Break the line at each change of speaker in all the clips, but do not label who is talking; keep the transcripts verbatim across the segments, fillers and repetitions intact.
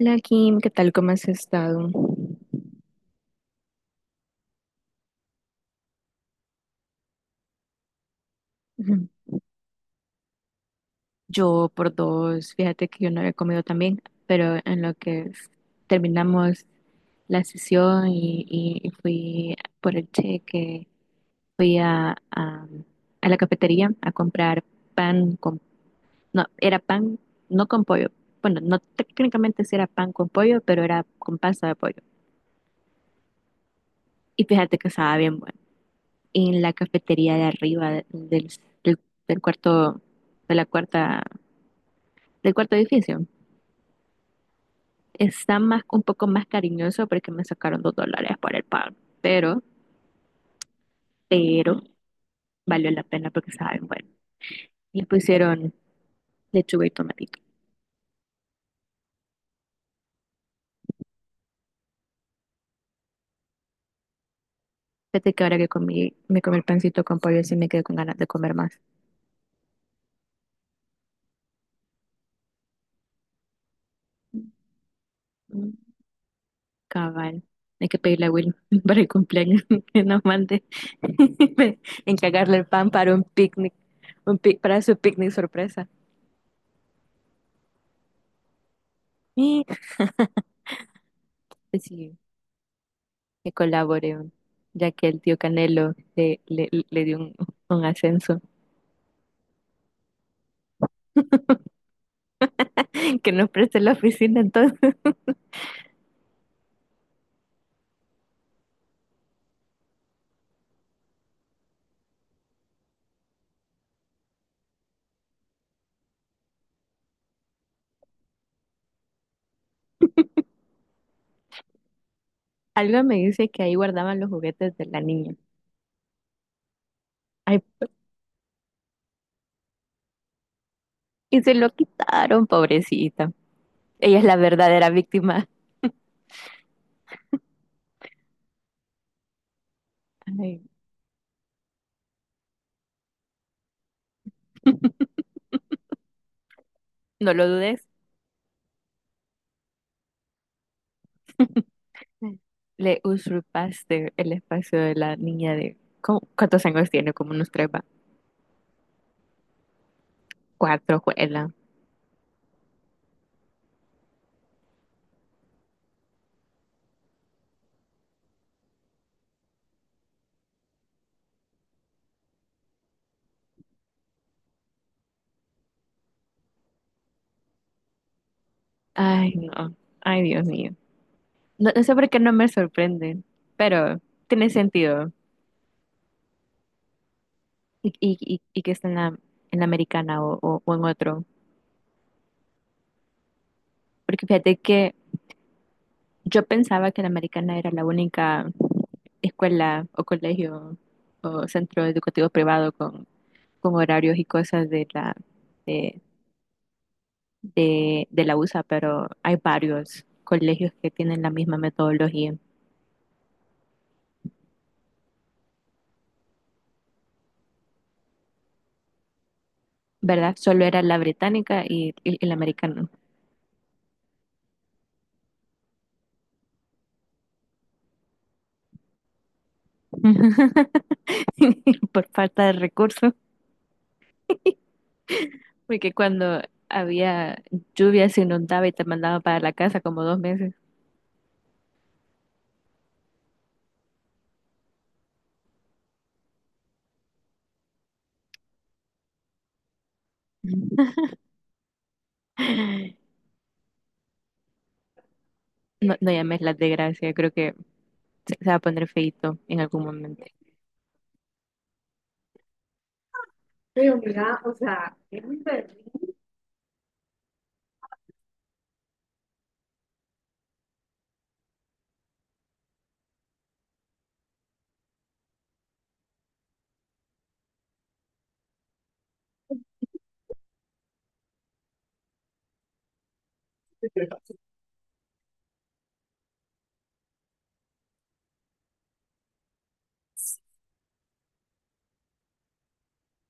Hola Kim, ¿qué tal? ¿Cómo has estado? Ujú. Yo por dos, fíjate que yo no había comido también, pero en lo que es- terminamos la sesión y, y y fui por el cheque, fui a, a, a la cafetería a comprar pan con, no, era pan no con pollo, bueno, no técnicamente sí era pan con pollo, pero era con pasta de pollo. Y fíjate que estaba bien bueno. Y en la cafetería de arriba del, del, del cuarto, de la cuarta del cuarto edificio. Está más, un poco más cariñoso porque me sacaron dos dólares por el pan, pero, pero valió la pena porque estaba bien bueno. Y pusieron lechuga y tomatito. Fíjate que ahora que comí, me comí el pancito con pollo, sí me quedé con ganas de comer más. Mm, cabal. Hay que pedirle a Will para el cumpleaños que nos mande encargarle el pan para un picnic, un pic- para su picnic sorpresa. Y, pues sí, que colaboren, ya que el tío Canelo le, le, le dio un, un ascenso. Que nos preste la oficina. Entonces, algo me dice que ahí guardaban los juguetes de la niña. Ay, p- y se lo quitaron, pobrecita. Ella es la verdadera víctima. Ay, no lo dudes. Le usurpaste el espacio de la niña de... ¿cómo- ¿cuántos años tiene? Como unos tres, va. Cuatro, juela. Ay, no. Ay, Dios mío. No, no sé por qué no me sorprende, pero tiene sentido. y, y, y- y que está en la, en la americana o o- o en otro. Porque fíjate que yo pensaba que la americana era la única escuela o colegio o centro educativo privado con, con horarios y cosas de la, de, de, de la U S A, pero hay varios colegios que tienen la misma metodología, ¿verdad? Solo era la británica y, y- y la americana. Por falta de recursos. Porque cuando había lluvia se inundaba y te mandaba para la casa como dos meses. No, no llames la desgracia, creo que se, se va a poner feito en algún momento. Pero mira, o sea, es un berrinche.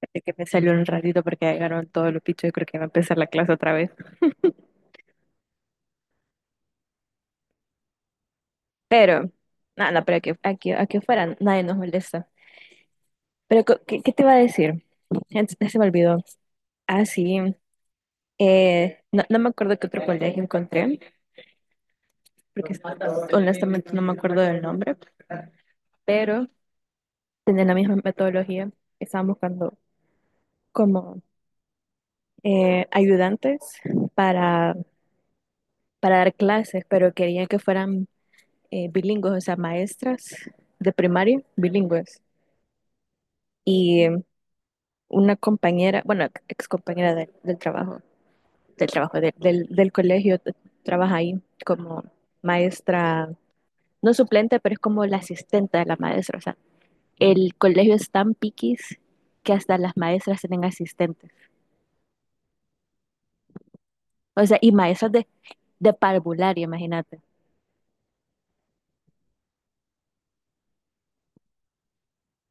Así que me salió un ratito porque ya llegaron todos los pichos y creo que va a empezar la clase otra vez. Pero, nada, no, no, pero aquí, aquí, aquí afuera nadie nos molesta. Pero, co- ¿qué, qué te iba a decir? Ya se ya se me olvidó. Ah, sí. Eh, no, no me acuerdo qué otro colegio encontré, porque honestamente no me acuerdo del nombre. Pero tienen la misma metodología. Estaban buscando como eh, ayudantes para, para dar clases, pero querían que fueran eh, bilingües, o sea, maestras de primaria bilingües. Y eh, una compañera, bueno, ex compañera de- del trabajo, del trabajo, de- del, del colegio, t- trabaja ahí como maestra, no suplente, pero es como la asistente de la maestra. O sea, el colegio es tan piquis que hasta las maestras tienen asistentes. O sea, y maestras de, de parvularia, imagínate.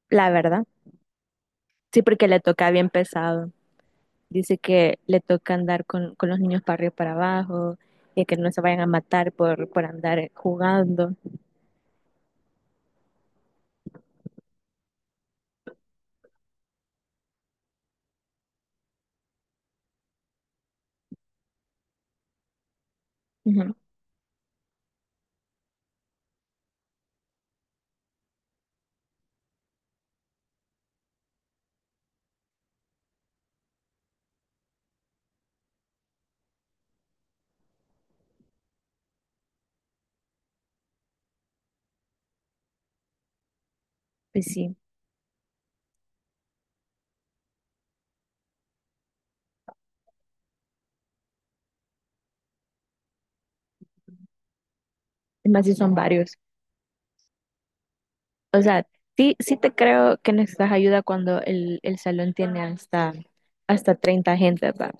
La verdad. Sí, porque le toca bien pesado. Dice que le toca andar con, con los niños para arriba y para abajo y que no se vayan a matar por, por andar jugando. Ujú. Pues sí, es más si son varios. O sea, sí, sí te creo que necesitas ayuda cuando el, el salón tiene hasta, hasta treinta gente, ¿verdad?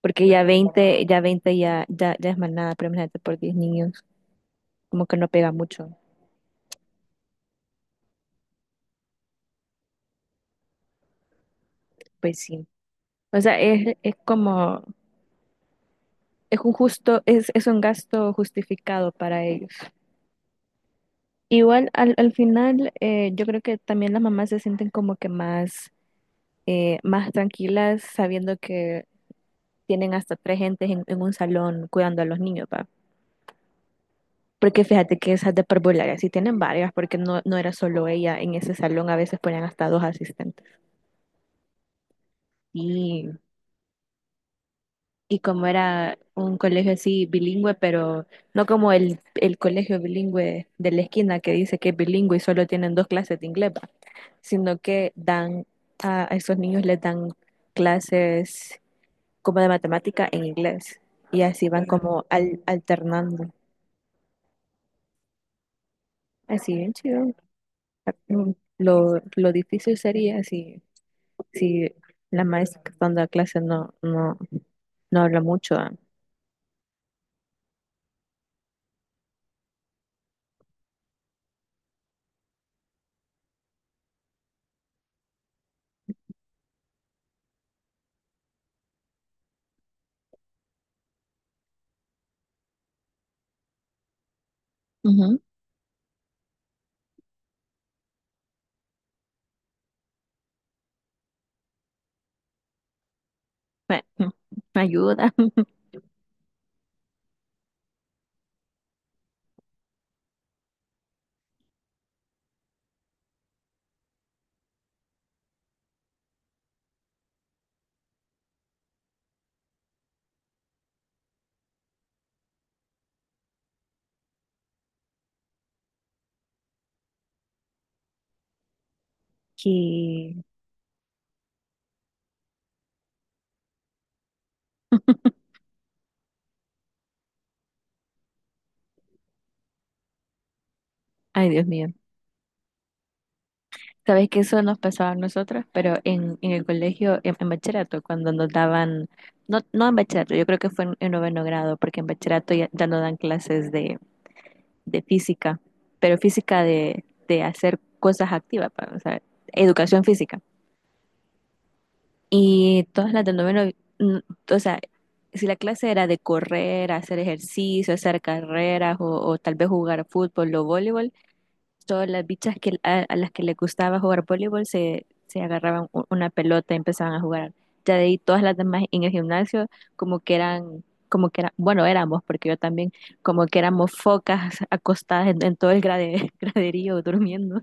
Porque ya veinte ya veinte ya, ya, ya es más nada, pero imagínate por diez niños, como que no pega mucho. Pues sí. O sea, es, es como es, un justo, es, es un gasto justificado para ellos. Igual al, al final eh, yo creo que también las mamás se sienten como que más, eh, más tranquilas sabiendo que tienen hasta tres gentes en, en un salón cuidando a los niños, ¿va? Porque fíjate que esas de parvularia sí tienen varias, porque no, no era solo ella en ese salón, a veces ponían hasta dos asistentes. Y Y como era un colegio así bilingüe, pero no como el, el colegio bilingüe de la esquina que dice que es bilingüe y solo tienen dos clases de inglés, va, sino que dan a a esos niños les dan clases como de matemática en inglés y así van como al- alternando. Así bien chido. Mm, Lo, lo difícil sería si, si la maestra que está dando la clase no, no, no habla mucho. ah. Ujú. Me- me ayuda. Y ay, Dios mío. Sabes que eso nos pasaba a nosotras, pero en, en el colegio, en, en bachillerato, cuando nos daban, no, no en bachillerato, yo creo que fue en, en noveno grado, porque en bachillerato ya, ya no dan clases de, de física, pero física de, de hacer cosas activas, pa, o sea, educación física. Y todas las del noveno, mm, o sea, si la clase era de correr, hacer ejercicio, hacer carreras o o tal vez jugar fútbol o voleibol, todas las bichas que, a, a las que les gustaba jugar voleibol se, se agarraban u- una pelota y empezaban a jugar. Ya de ahí todas las demás en el gimnasio como que eran, como que eran, bueno, éramos, porque yo también, como que éramos focas acostadas en, en todo el grade- graderío durmiendo.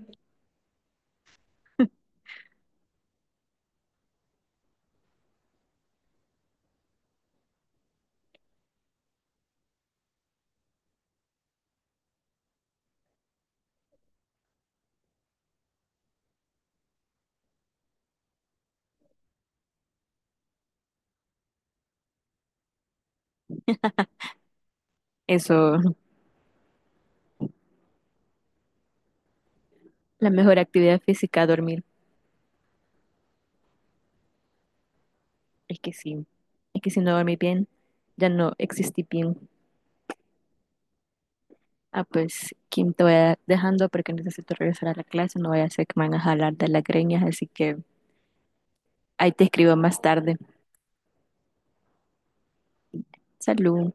Eso, la mejor actividad física, dormir. Es que sí, es que si no dormí bien, ya no existí bien. Ah, pues, Kim, te voy a- dejando porque necesito regresar a la clase, no voy a hacer que me van a jalar de las greñas, así que... Ahí te escribo más tarde. Salud.